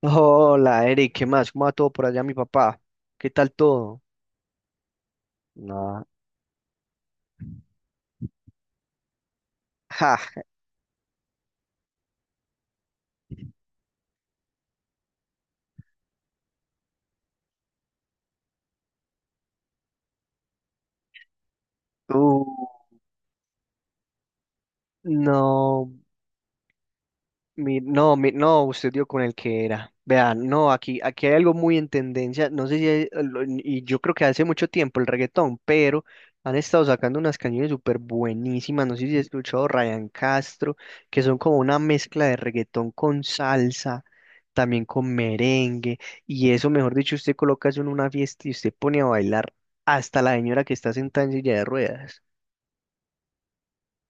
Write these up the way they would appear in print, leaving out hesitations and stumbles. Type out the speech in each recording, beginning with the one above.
Hola, Eric, ¿qué más? ¿Cómo va todo por allá, mi papá? ¿Qué tal todo? No. Ja, tú. No. No, usted dio con el que era. Vean, no, aquí hay algo muy en tendencia, no sé si, hay- lo- y yo creo que hace mucho tiempo el reggaetón, pero han estado sacando unas canciones súper buenísimas, ¿no sé si has escuchado Ryan Castro? Que son como una mezcla de reggaetón con salsa, también con merengue, y eso, mejor dicho, usted coloca eso en una fiesta y usted pone a bailar hasta la señora que está sentada en silla de ruedas.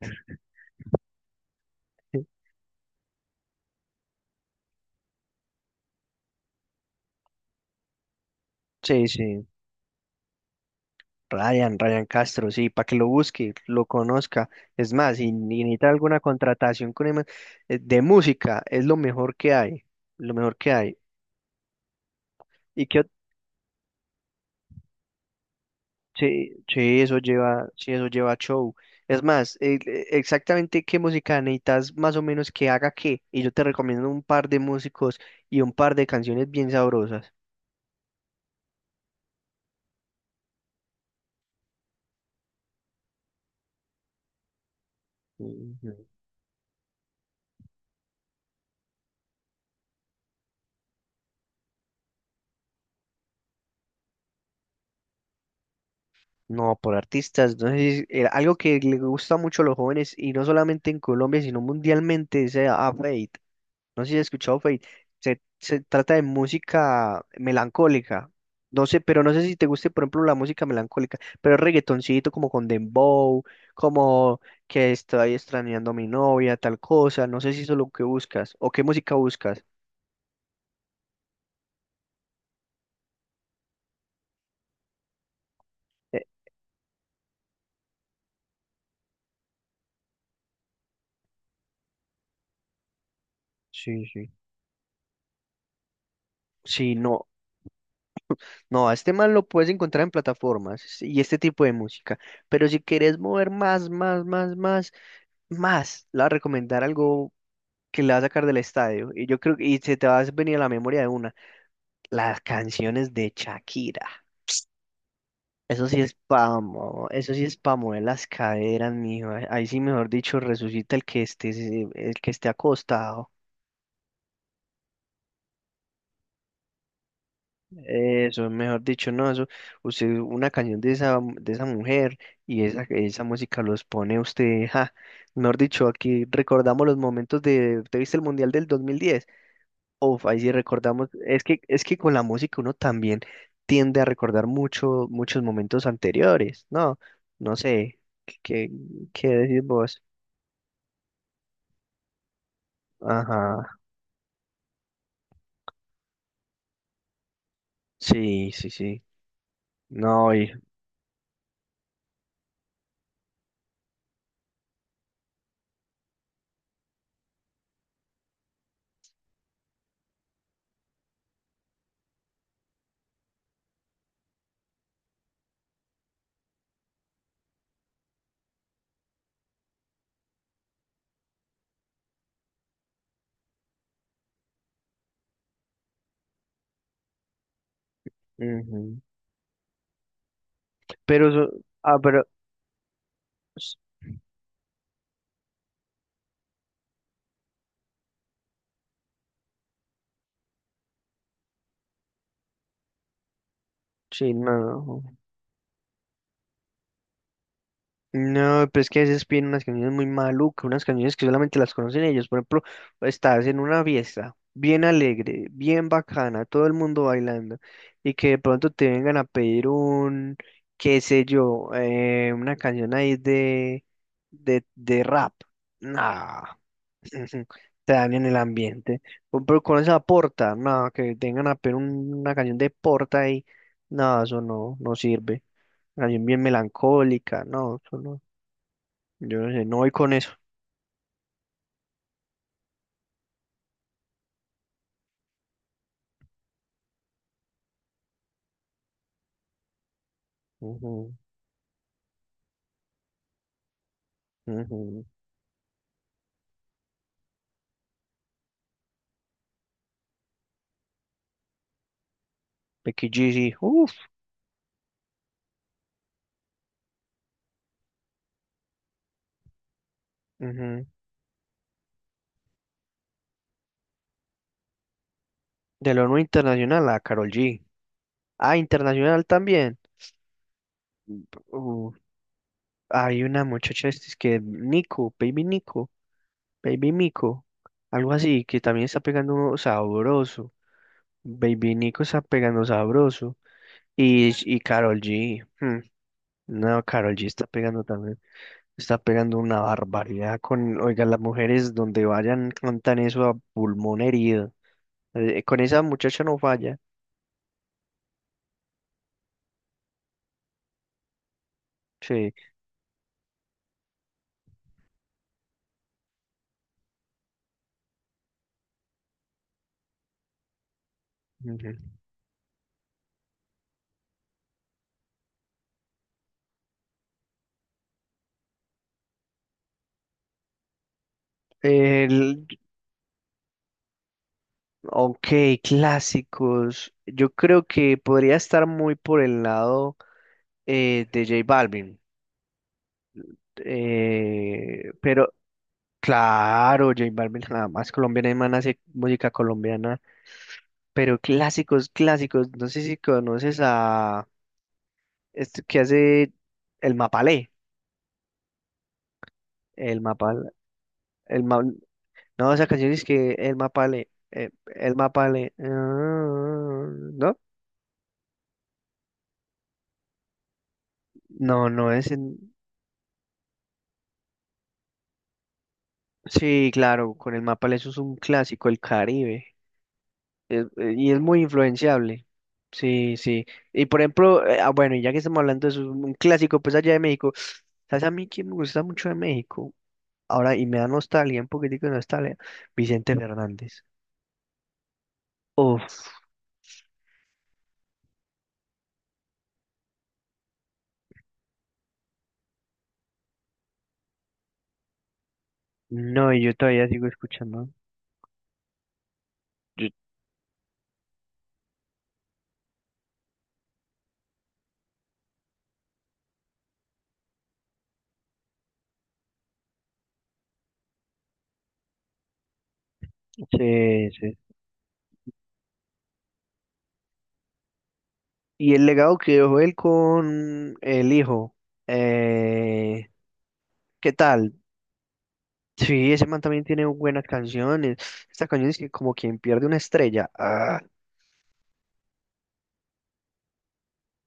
Sí, sí. Ryan, Ryan Castro, sí, para que lo busque, lo conozca. Es más, si necesita alguna contratación con de música, es lo mejor que hay, lo mejor que hay. Y que sí, sí, eso lleva show. Es más, exactamente qué música necesitas más o menos que haga qué. Y yo te recomiendo un par de músicos y un par de canciones bien sabrosas. Ujú. No, por artistas. Entonces, algo que le gusta mucho a los jóvenes, y no solamente en Colombia, sino mundialmente, es a Fate. No sé si has escuchado Fate. Se trata de música melancólica. No sé, pero no sé si te guste, por ejemplo, la música melancólica, pero es reggaetoncito como con dembow, como que estoy extrañando a mi novia, tal cosa. No sé si eso es lo que buscas o qué música buscas. Eh, sí, sí. Sí, no, no, a este man lo puedes encontrar en plataformas sí, y este tipo de música. Pero si quieres mover más, más, más, más, más, le voy a recomendar algo que le va a sacar del estadio. Y yo creo que y se te va a venir a la memoria de una. Las canciones de Shakira. Eso sí es pamo, eso sí es pa' mover las caderas, mijo. Ahí sí, mejor dicho, resucita el que esté, el que esté acostado. Eso, mejor dicho, no, eso, usted, una canción de esa mujer y esa música los pone usted, ja. Mejor dicho, aquí recordamos los momentos de, ¿te viste el Mundial del 2010? Uf, ahí sí recordamos, es que con la música uno también tiende a recordar mucho, muchos momentos anteriores, ¿no? No sé, ¿qué, ¿qué decís vos? Ajá, sí, sí, sí, no, y, ujú. Pero, ah, pero, s- sí, no, no. No, pero es que a veces piden unas canciones muy malucas, unas canciones que solamente las conocen ellos. Por ejemplo, estás en una fiesta bien alegre, bien bacana, todo el mundo bailando, y que de pronto te vengan a pedir un, qué sé yo, una canción ahí de, de rap. Nah, te dan en el ambiente. Por ejemplo, con esa porta, no, que tengan a pedir una canción de porta ahí, no, eso no, no sirve. Canción bien melancólica, no, eso no. Yo no sé, no voy con eso. Ujú, ujú. Becky G, sí. Uf. Ujú. De lo no internacional a Carol G. Ah, internacional también. Uf, hay una muchacha este, es que Nico, Baby Nico, Baby Mico, algo así, que también está pegando uno sabroso. Baby Nico está pegando sabroso. Y Karol G. Hmm, no, Karol G está pegando también. Está pegando una barbaridad con, oiga, las mujeres donde vayan cantan eso a pulmón herido. Con esa muchacha no falla. Sí. Ujú. El, ok, clásicos. Yo creo que podría estar muy por el lado de J Balvin. Pero claro, J Balvin jamás colombiana, el man hace música colombiana. Pero clásicos, clásicos. No sé si conoces a este que hace el Mapalé. El Mapal, el, Ma- No, esa canción es que el mapale, ah, ¿no? No, no es en... Sí, claro, con el mapale eso es un clásico, el Caribe, y es muy influenciable. Sí, sí. Y por ejemplo, bueno, y ya que estamos hablando de eso, un clásico, pues allá de México, ¿sabes a mí que me gusta mucho de México? Ahora, y me da nostalgia, un poquitico de nostalgia, Vicente Fernández. Uf, no, y yo todavía sigo escuchando. Yo, sí, sí, y el legado que dejó él con el hijo. eh, ¿Qué tal? Sí, ese man también tiene buenas canciones. Estas canciones que como quien pierde una estrella. Ah,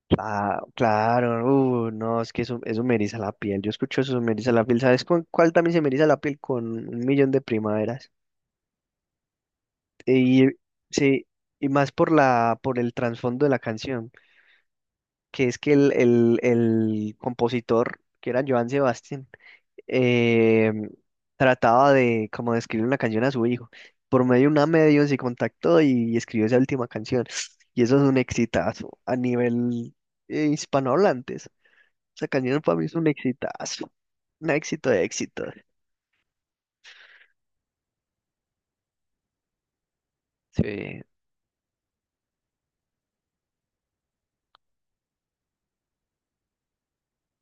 claro, no, es que eso me eriza la piel. Yo escucho eso, me eriza la piel. ¿Sabes con cuál también se me eriza la piel? Con un millón de primaveras. Y sí, y más por la, por el trasfondo de la canción, que es que el compositor, que era Joan Sebastián, eh, trataba de como de escribir una canción a su hijo. Por medio de una medio se contactó y escribió esa última canción. Y eso es un exitazo a nivel hispanohablantes. Esa canción para mí es un exitazo. Un éxito de éxitos. Sí.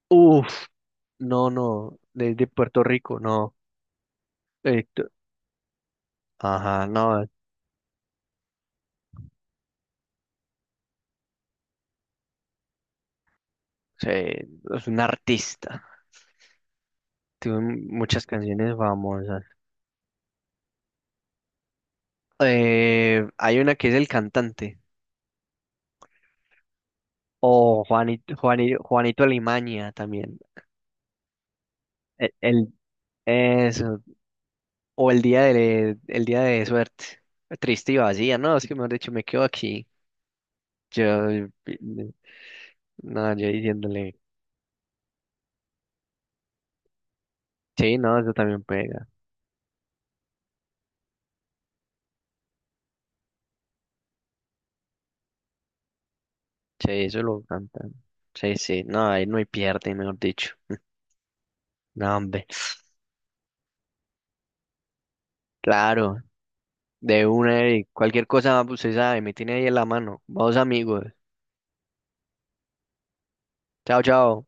Uf, no, no. Desde Puerto Rico, no. Eh, t- ajá, no. Sí, es un artista. Tiene muchas canciones famosas. Hay una que es El Cantante. O Juanito, Juanito, Juanito Alimaña también. El, el- eso. O el día de suerte. Triste y vacía, ¿no? Es que mejor dicho, me quedo aquí. Yo, eh, eh, no, yo diciéndole, sí, no, eso también pega. Sí, eso lo cantan. Sí, sí, no, ahí no hay pierde, mejor dicho. No, hombre. Claro, de una y cualquier cosa, pues usted sabe, me tiene ahí en la mano. Vamos, amigos. Chao, chao.